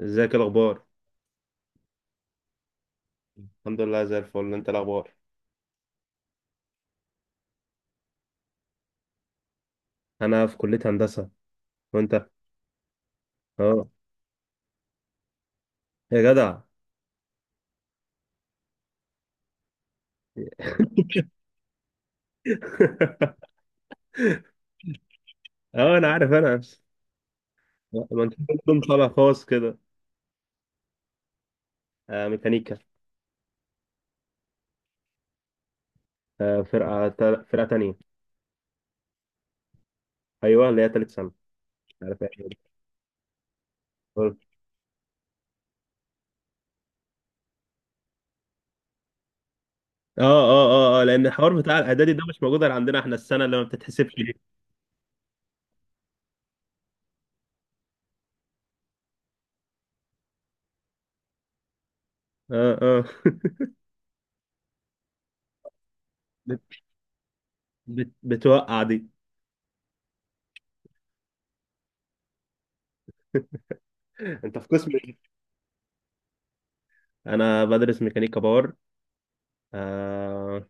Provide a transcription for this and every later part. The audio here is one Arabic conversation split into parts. ازيك؟ الاخبار؟ الحمد لله، زي الفل. انت الاخبار؟ انا في كلية هندسة، وانت؟ اه. يا جدع. اه، انا عارف، انا نفسي، ما انت كنتم طالع خاص كده. آه، ميكانيكا. آه، فرقة تانية. ايوه، اللي هي تالت سنة. مش عارف ايه. هي. اه، اه، اه، اه، لان الحوار بتاع الاعدادي ده مش موجود غير عندنا احنا، السنة اللي ما بتتحسبش دي. اه، اه. بت بت بتوقع دي. انت في قسم ايه؟ انا بدرس ميكانيكا باور. آه.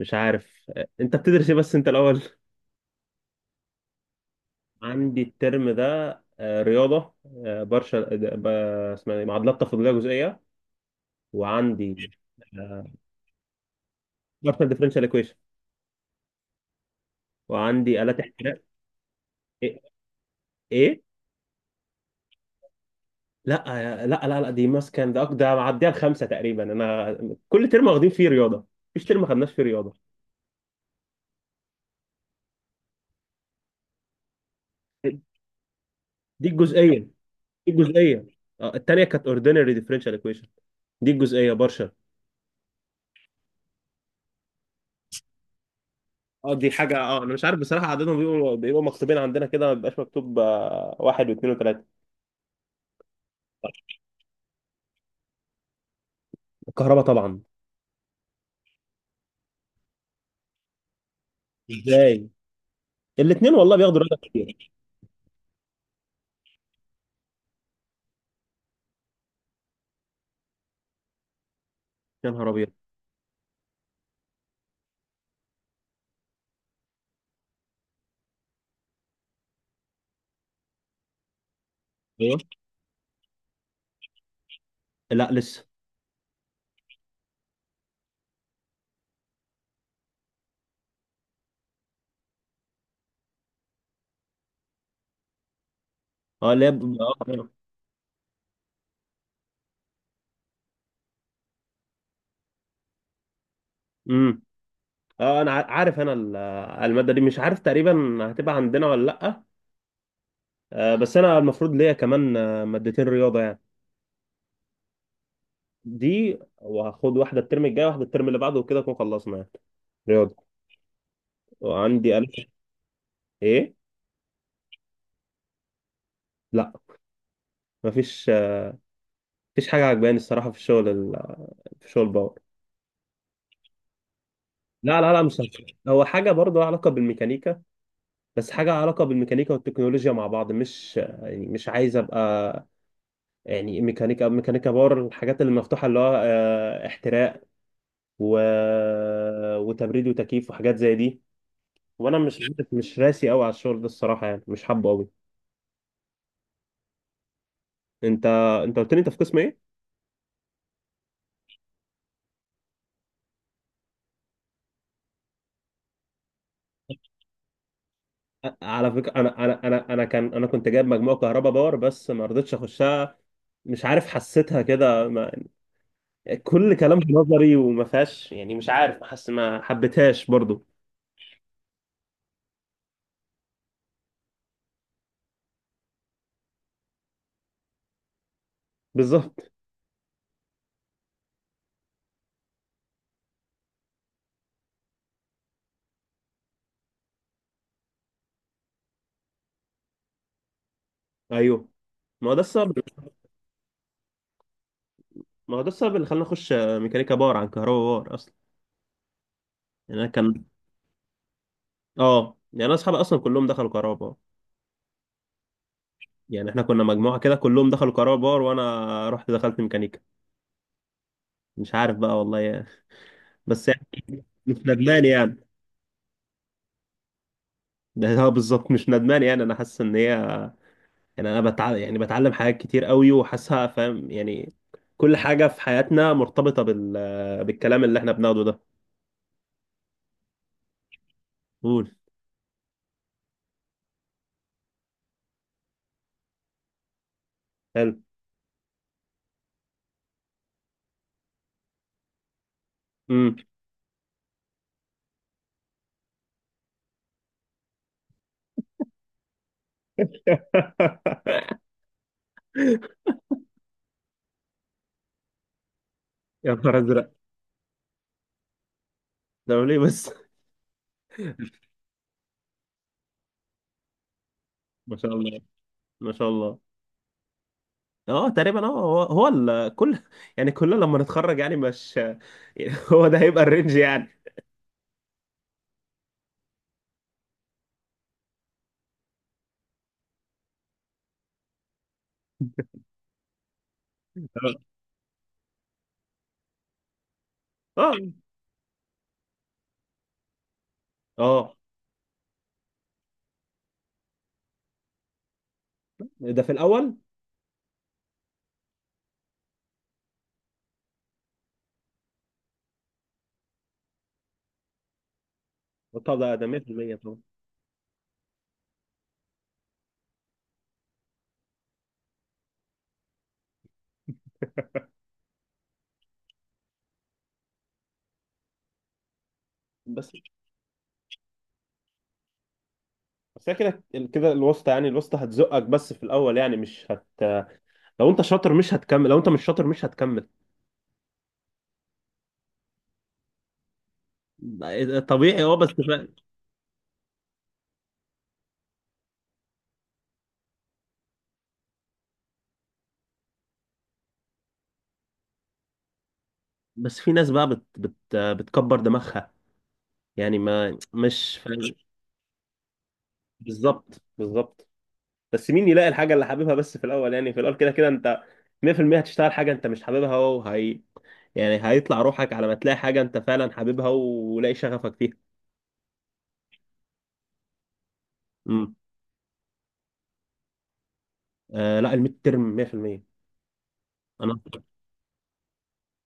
مش عارف. انت بتدرس ايه بس، انت الاول؟ عندي الترم ده رياضة، بارشل اسمها إيه؟ معادلات تفاضلية جزئية. وعندي بارشل ديفرنشال ايكويشن. وعندي آلات احتراق. ايه؟ إيه؟ لا. لا، لا، لا، دي ماسكه، ده معديها الخمسة تقريبا انا. كل ترم واخدين فيه رياضة. مفيش ترم ما خدناش فيه رياضة. دي الجزئية. دي الجزئية. التانية كانت اوردينري ديفرنشال ايكويشن. دي الجزئية بارشل. اه، دي حاجة. اه، انا مش عارف بصراحة عددهم، بيبقوا مكتوبين عندنا كده، ما بيبقاش مكتوب واحد واثنين وثلاثة. الكهرباء طبعا. ازاي؟ الاثنين والله بياخدوا راتب كتير. يا نهار ابيض. ايوه. لا، لسه. اه، لاب. اه. امم. اه، انا عارف، انا الماده دي مش عارف تقريبا هتبقى عندنا ولا لا. بس انا المفروض ليا كمان مادتين رياضه يعني. دي، وهاخد واحده الترم الجاي، واحده الترم اللي بعده، وكده اكون خلصنا يعني رياضه. وعندي ألف. ايه؟ لا. مفيش. مفيش حاجه عجباني الصراحه في الشغل في شغل باور. لا، لا، لا، مش هيك. هو حاجه برضو لها علاقه بالميكانيكا. بس حاجة علاقة بالميكانيكا والتكنولوجيا مع بعض، مش يعني مش عايز أبقى يعني ميكانيكا، ميكانيكا باور، الحاجات اللي مفتوحة اللي هو احتراق و... وتبريد وتكييف وحاجات زي دي. وأنا مش راسي أوي على الشغل ده الصراحة، يعني مش حابه أوي. أنت أنت قلت لي أنت في قسم إيه؟ على فكرة أنا كنت جايب مجموعة كهرباء باور، بس ما رضيتش أخشها. مش عارف، حسيتها كده ما... كل كلام نظري وما فيهاش، يعني مش عارف، حاسس ما حبيتهاش برضو. بالظبط. ايوه. ما هو ده السبب. ما هو ده السبب اللي خلاني اخش ميكانيكا باور عن كهرباء باور اصلا. يعني انا كان. اه، يعني انا اصحابي اصلا كلهم دخلوا كهرباء باور. يعني احنا كنا مجموعه كده كلهم دخلوا كهرباء باور، وانا رحت دخلت ميكانيكا. مش عارف بقى والله يا أخي. بس يعني، مش ندمان يعني. ده هو بالظبط مش ندمان، يعني انا حاسس ان هي، يعني انا بتعلم، يعني بتعلم حاجات كتير قوي، وحاسسها فاهم يعني. كل حاجه في حياتنا مرتبطه بالكلام اللي احنا بناخده ده. قول. حلو. امم. يا نهار ازرق. ده ليه بس؟ ما شاء الله. ما شاء الله. اه، تقريبا، اه، هو كل يعني كلنا لما نتخرج، يعني مش يعني، هو ده هيبقى الرينج يعني. اه، اه. ده في الاول. طب ده 100% طبعا. بس بس هي كده كده، الوسطى يعني الوسطى هتزقك بس في الاول، يعني مش هت. لو انت شاطر مش هتكمل، لو انت مش شاطر مش هتكمل. طبيعي، اه، بس. بس في ناس بقى بت بت بتكبر دماغها، يعني، ما مش فاهم. بالظبط، بالظبط. بس مين يلاقي الحاجه اللي حاببها، بس في الاول، يعني في الاول كده كده انت 100%. هتشتغل حاجه انت مش حاببها، وهي، يعني هيطلع روحك على ما تلاقي حاجه انت فعلا حاببها، ولاقي شغفك فيها. امم. لا، الميد ترم 100%. انا،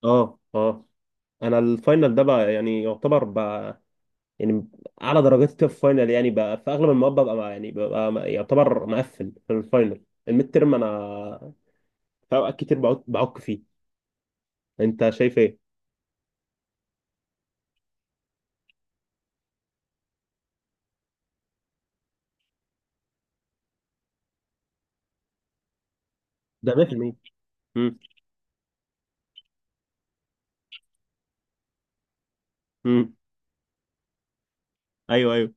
اه، اه، انا الفاينل ده بقى يعني يعتبر بقى، يعني، اعلى درجاتي في الفاينل يعني بقى، في اغلب المواد ببقى يعني ببقى يعتبر مقفل في الفاينل. الميد ترم انا في اوقات كتير بعك بعك فيه. انت شايف ايه؟ ده 100%. امم، امم. ايوه، ايوه.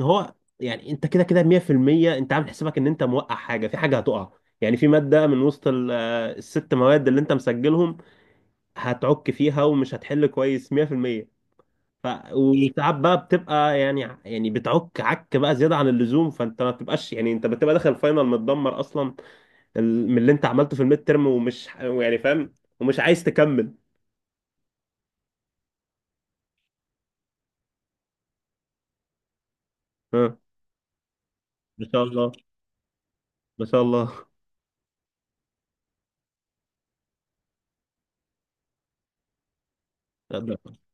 هو يعني انت كده كده 100%. انت عامل حسابك ان انت موقع حاجه، في حاجه هتقع، يعني في ماده من وسط الست مواد اللي انت مسجلهم، هتعك فيها ومش هتحل كويس 100%. ف، وساعات بقى بتبقى يعني بتعك عك بقى زياده عن اللزوم، فانت ما بتبقاش، يعني انت بتبقى داخل الفاينل متدمر اصلا، من اللي انت عملته في الميد ترم، ومش يعني فاهم، ومش عايز تكمل. ها. ما شاء الله. ما شاء الله.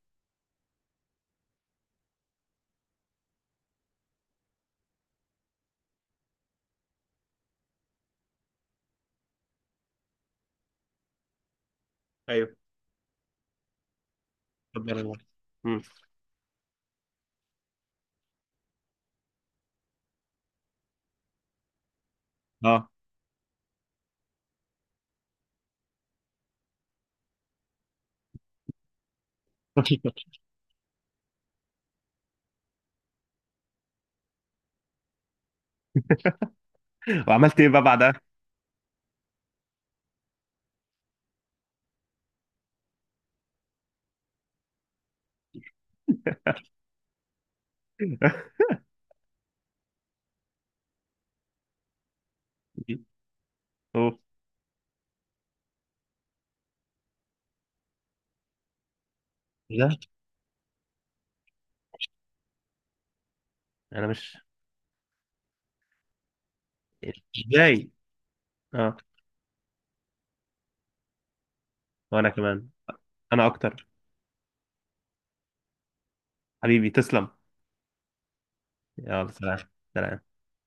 ايوه. ربنا يعينك. مم. اه. وعملت ايه بقى بعدها؟ اوه. لا، انا مش. ازاي؟ اه. وانا كمان. انا اكتر. حبيبي، تسلم. يلا، سلام. سلام.